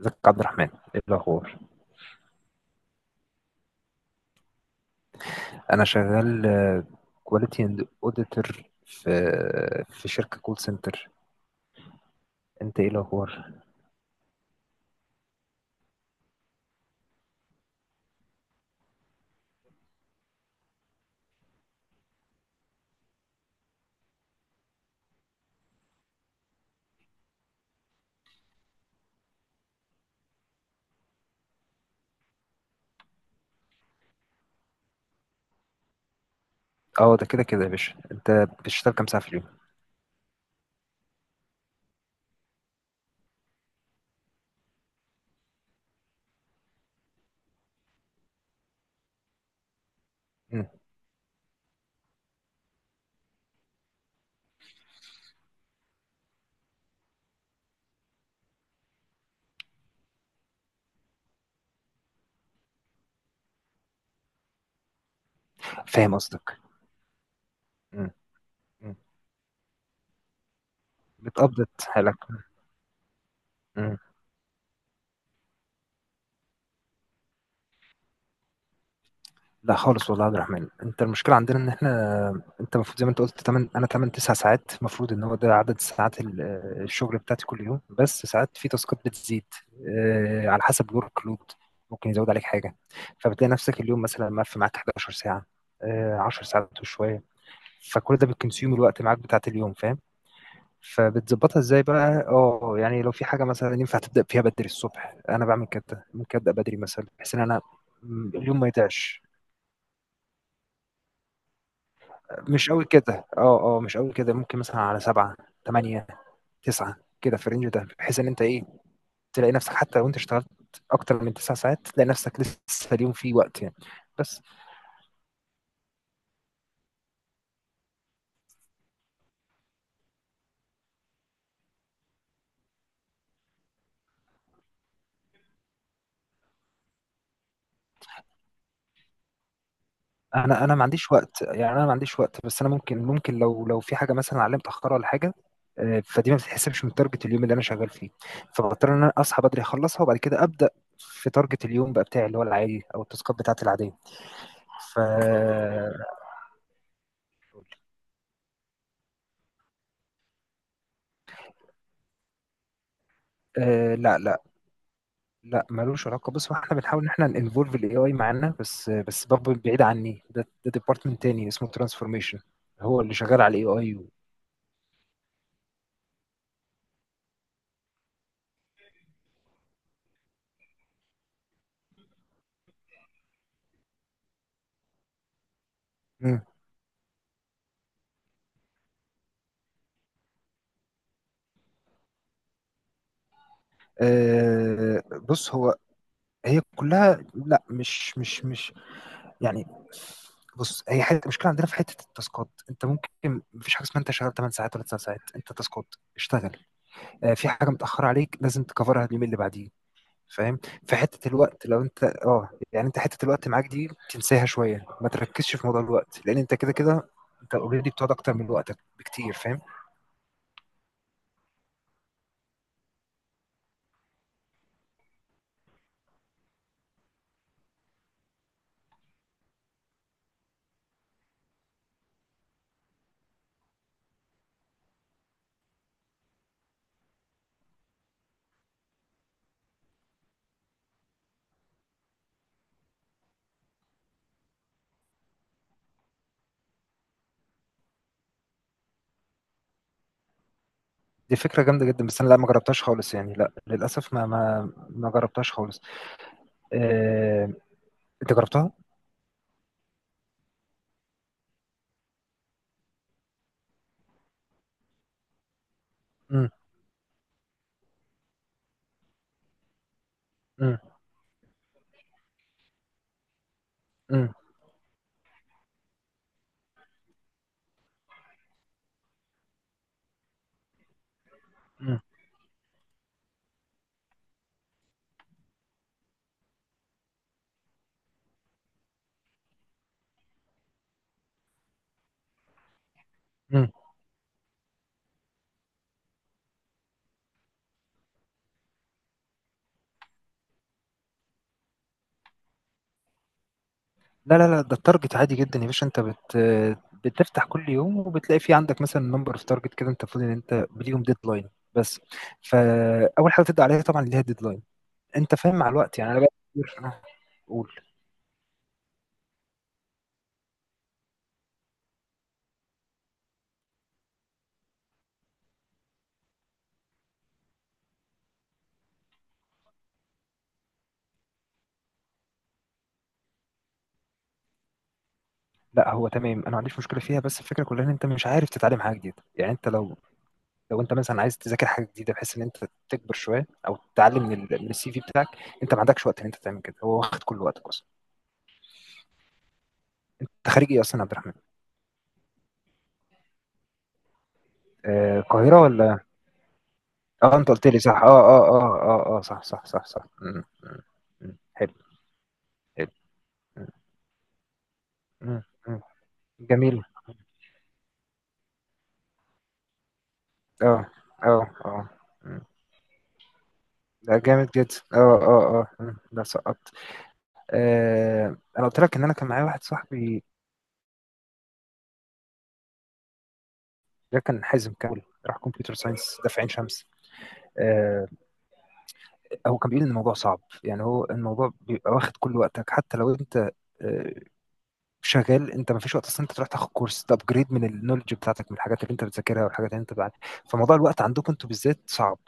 ازيك يا عبد الرحمن؟ ايه الاخبار؟ انا شغال كواليتي اند اوديتور في شركه كول سنتر. انت ايه الاخبار؟ اه، ده كده كده يا باشا، انت بتشتغل كام ساعه في اليوم؟ مم. فاهم قصدك. مم. مم. بتقبض حالك؟ لا خالص والله يا عبد الرحمن، انت المشكله عندنا ان احنا، انت المفروض زي ما انت قلت 8، انا 8 9 ساعات المفروض ان هو ده عدد ساعات الشغل بتاعتي كل يوم، بس ساعات في تاسكات بتزيد على حسب الورك لود، ممكن يزود عليك حاجه. فبتلاقي نفسك اليوم مثلا مقفل معاك 11 ساعه، 10 ساعات وشويه. فكل ده بتكونسيوم الوقت معاك بتاعت اليوم، فاهم؟ فبتظبطها ازاي بقى؟ اه، يعني لو في حاجه مثلا ينفع تبدا فيها بدري الصبح، انا بعمل كده، ممكن ابدا بدري مثلا بحيث ان انا اليوم ما يضيعش. مش أوي كده، مش أوي كده، ممكن مثلًا على 7، 8، 9 كده في الrange ده، بحيث إن أنت إيه، تلاقي نفسك حتى لو أنت اشتغلت أكتر من 9 ساعات، تلاقي نفسك لسه اليوم فيه وقت يعني. بس أنا ما عنديش وقت، يعني أنا ما عنديش وقت، بس أنا ممكن لو في حاجة مثلًا عليّا متأخرة والّا حاجة، فدي ما بتتحسبش من target اليوم اللي أنا شغال فيه، فباضطر إن أنا أصحى بدري أخلّصها وبعد كده أبدأ في target اليوم بقى بتاعي اللي هو العادي أو التاسكات بتاعتي العادية. ف لأ، لا ملوش علاقه. بص، هو احنا بنحاول ان احنا ننفولف الاي اي معانا، بس برضه بعيد عني، ده ديبارتمنت تاني اسمه ترانسفورميشن، هو اللي شغال على الاي اي مم. آه، بص، هي كلها لا، مش يعني، بص، هي حته المشكله عندنا في حته التاسكات. انت ممكن مفيش حاجه اسمها انت شغال 8 ساعات ولا 9 ساعات، انت تاسكات اشتغل. آه، في حاجه متاخره عليك لازم تكفرها اليومين اللي بعديه، فاهم؟ في حتة الوقت لو انت اه يعني انت حتة الوقت معاك دي تنساها شوية، ما تركزش في موضوع الوقت، لان انت كده كده انت اوريدي بتقعد اكتر من وقتك بكتير، فاهم؟ دي فكرة جامدة جدا، بس انا لا، ما جربتهاش خالص، يعني لا، للاسف ما جربتهاش خالص. آه... انت جربتها؟ امم امم امم امم امم. لا لا لا، ده التارجت عادي جدا يا باشا، انت بتفتح كل يوم وبتلاقي في عندك مثلا نمبر اوف تارجت كده، انت المفروض ان انت ليهم ديدلاين بس. فاول حاجه تبدا عليها طبعا اللي هي الديدلاين، انت فاهم؟ مع الوقت يعني انا بقى كتير أنا اقول. لا، هو تمام، انا ما عنديش مشكله فيها، بس الفكره كلها ان انت مش عارف تتعلم حاجه جديده. يعني انت لو انت مثلا عايز تذاكر حاجه جديده بحيث ان انت تكبر شويه او تتعلم من من السي في بتاعك، انت ما عندكش وقت ان انت تعمل كده، هو واخد كل وقتك اصلا. انت خريج ايه اصلا يا عبد الرحمن؟ القاهره ولا؟ اه، انت قلت لي صح، اه. اه، صح. حلو. حلو. مم، مم، مم. جميل. اه اه اه. مم. ده جامد جدا. اه اه اه. ده سقط. انا قلت لك ان انا كان معايا واحد صاحبي، ده كان حازم كامل، راح كمبيوتر ساينس ده في عين شمس. آه، هو كان بيقول ان الموضوع صعب، يعني هو الموضوع بيبقى واخد كل وقتك، حتى لو انت آه، شغال، انت ما فيش وقت اصلا انت تروح تاخد كورس، تابجريد من النولج بتاعتك، من الحاجات اللي انت بتذاكرها والحاجات اللي انت بعد. فموضوع الوقت عندكم انتوا بالذات صعب،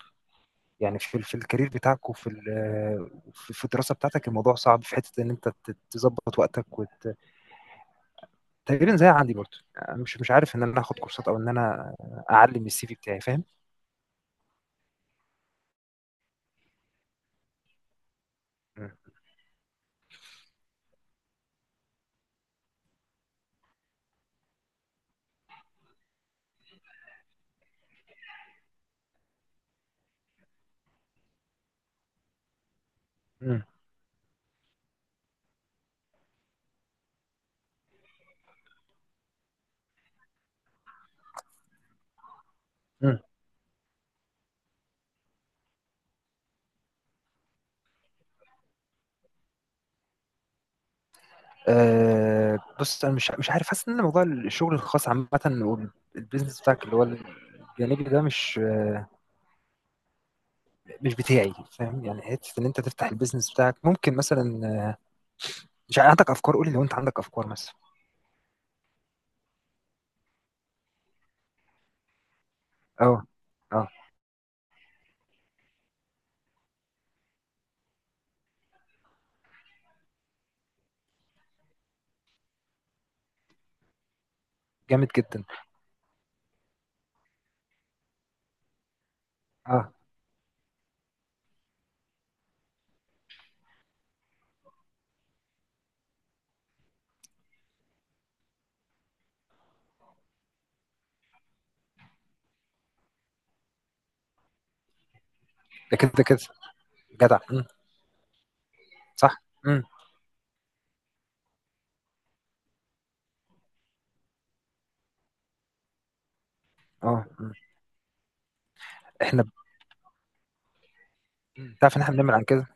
يعني في الكارير بتاعك وفي في الدراسه بتاعتك، الموضوع صعب في حته ان انت تظبط وقتك تقريبًا زي عندي برضه. يعني مش عارف إن أنا آخد كورسات أو إن أنا أعلّي من الCV بتاعي، فاهم؟ إمم، إمم، إمم، بُص، أنا مش عارف، حاسس إن موضوع الشغل الخاص عامةً والbusiness بتاعك اللي هو الجانبي ده مش بتاعي، فاهم؟ يعني حتّة إن أنت تفتح الbusiness بتاعك ممكن مثلًا، مش عارف. عندك أفكار؟ قُل لي لو أنت عندك أفكار مثلًا. آه، آه، جامد جدًا. آه، ده كده كده، جدع. صح. إمم، إمم. إحنا ب إمم، تعرف إن إحنا بنعمل عن كده.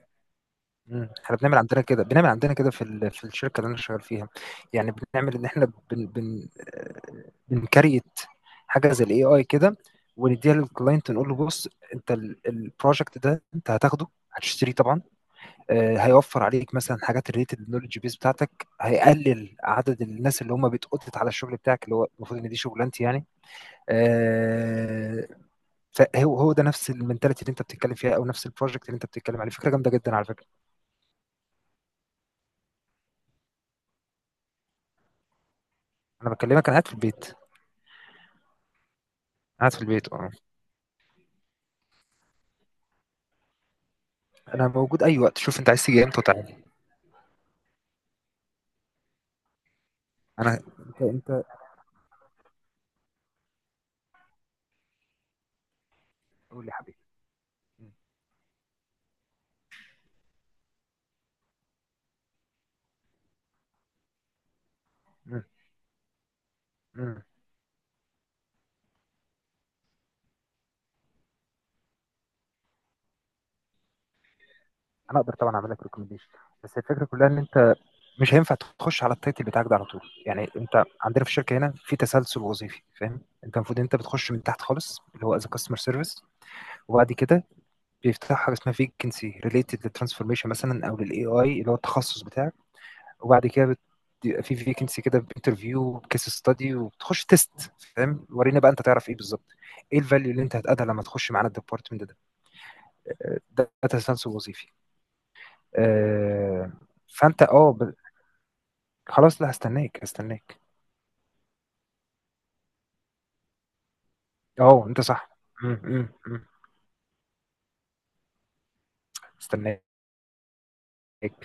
احنا بنعمل عندنا كده، في في الشركه اللي انا شغال فيها. يعني بنعمل ان احنا بن بنكريت حاجه زي الاي اي كده ونديها للكلاينت، نقول له بص، انت البروجكت ده انت هتاخده، هتشتريه طبعا. هيوفر عليك مثلا حاجات ريليتد للنولج بيس بتاعتك، هيقلل عدد الناس اللي هم بتقضت على الشغل بتاعك اللي هو المفروض ان دي شغلانتي يعني. آه، فهو ده نفس المنتاليتي اللي انت بتتكلم فيها، او نفس البروجكت اللي انت بتتكلم عليه. فكره جامده جدا على فكره. انا بكلمك، انا قاعد في البيت. قاعد في البيت اه، انا موجود اي وقت. شوف انت عايز تيجي امتى وتعالى. انا انت انت قول لي حبيبي. مم. مم. انا اقدر طبعا اعمل لك ريكومنديشن، بس الفكره كلها ان انت مش هينفع تخش على التايتل بتاعك ده على طول. يعني انت عندنا في الشركه هنا في تسلسل وظيفي، فاهم؟ انت المفروض بتخش من تحت خالص، اللي هو از كاستمر سيرفيس، وبعد كده بيفتح حاجه اسمها فيكنسي ريليتد للترانسفورميشن مثلا، او للاي اي اللي هو التخصص بتاعك. وبعد كده بيبقى في فيكنسي كده، بانترفيو وبكيس ستادي وبتخش تيست، فاهم؟ ورينا بقى انت تعرف ايه بالظبط، ايه الفاليو اللي انت هتقدها لما تخش معانا الديبارتمنت ده. ده داتا ساينس وظيفي. آه، فانت اه خلاص، لا، هستناك. اه انت صح. م- م- م. استناك.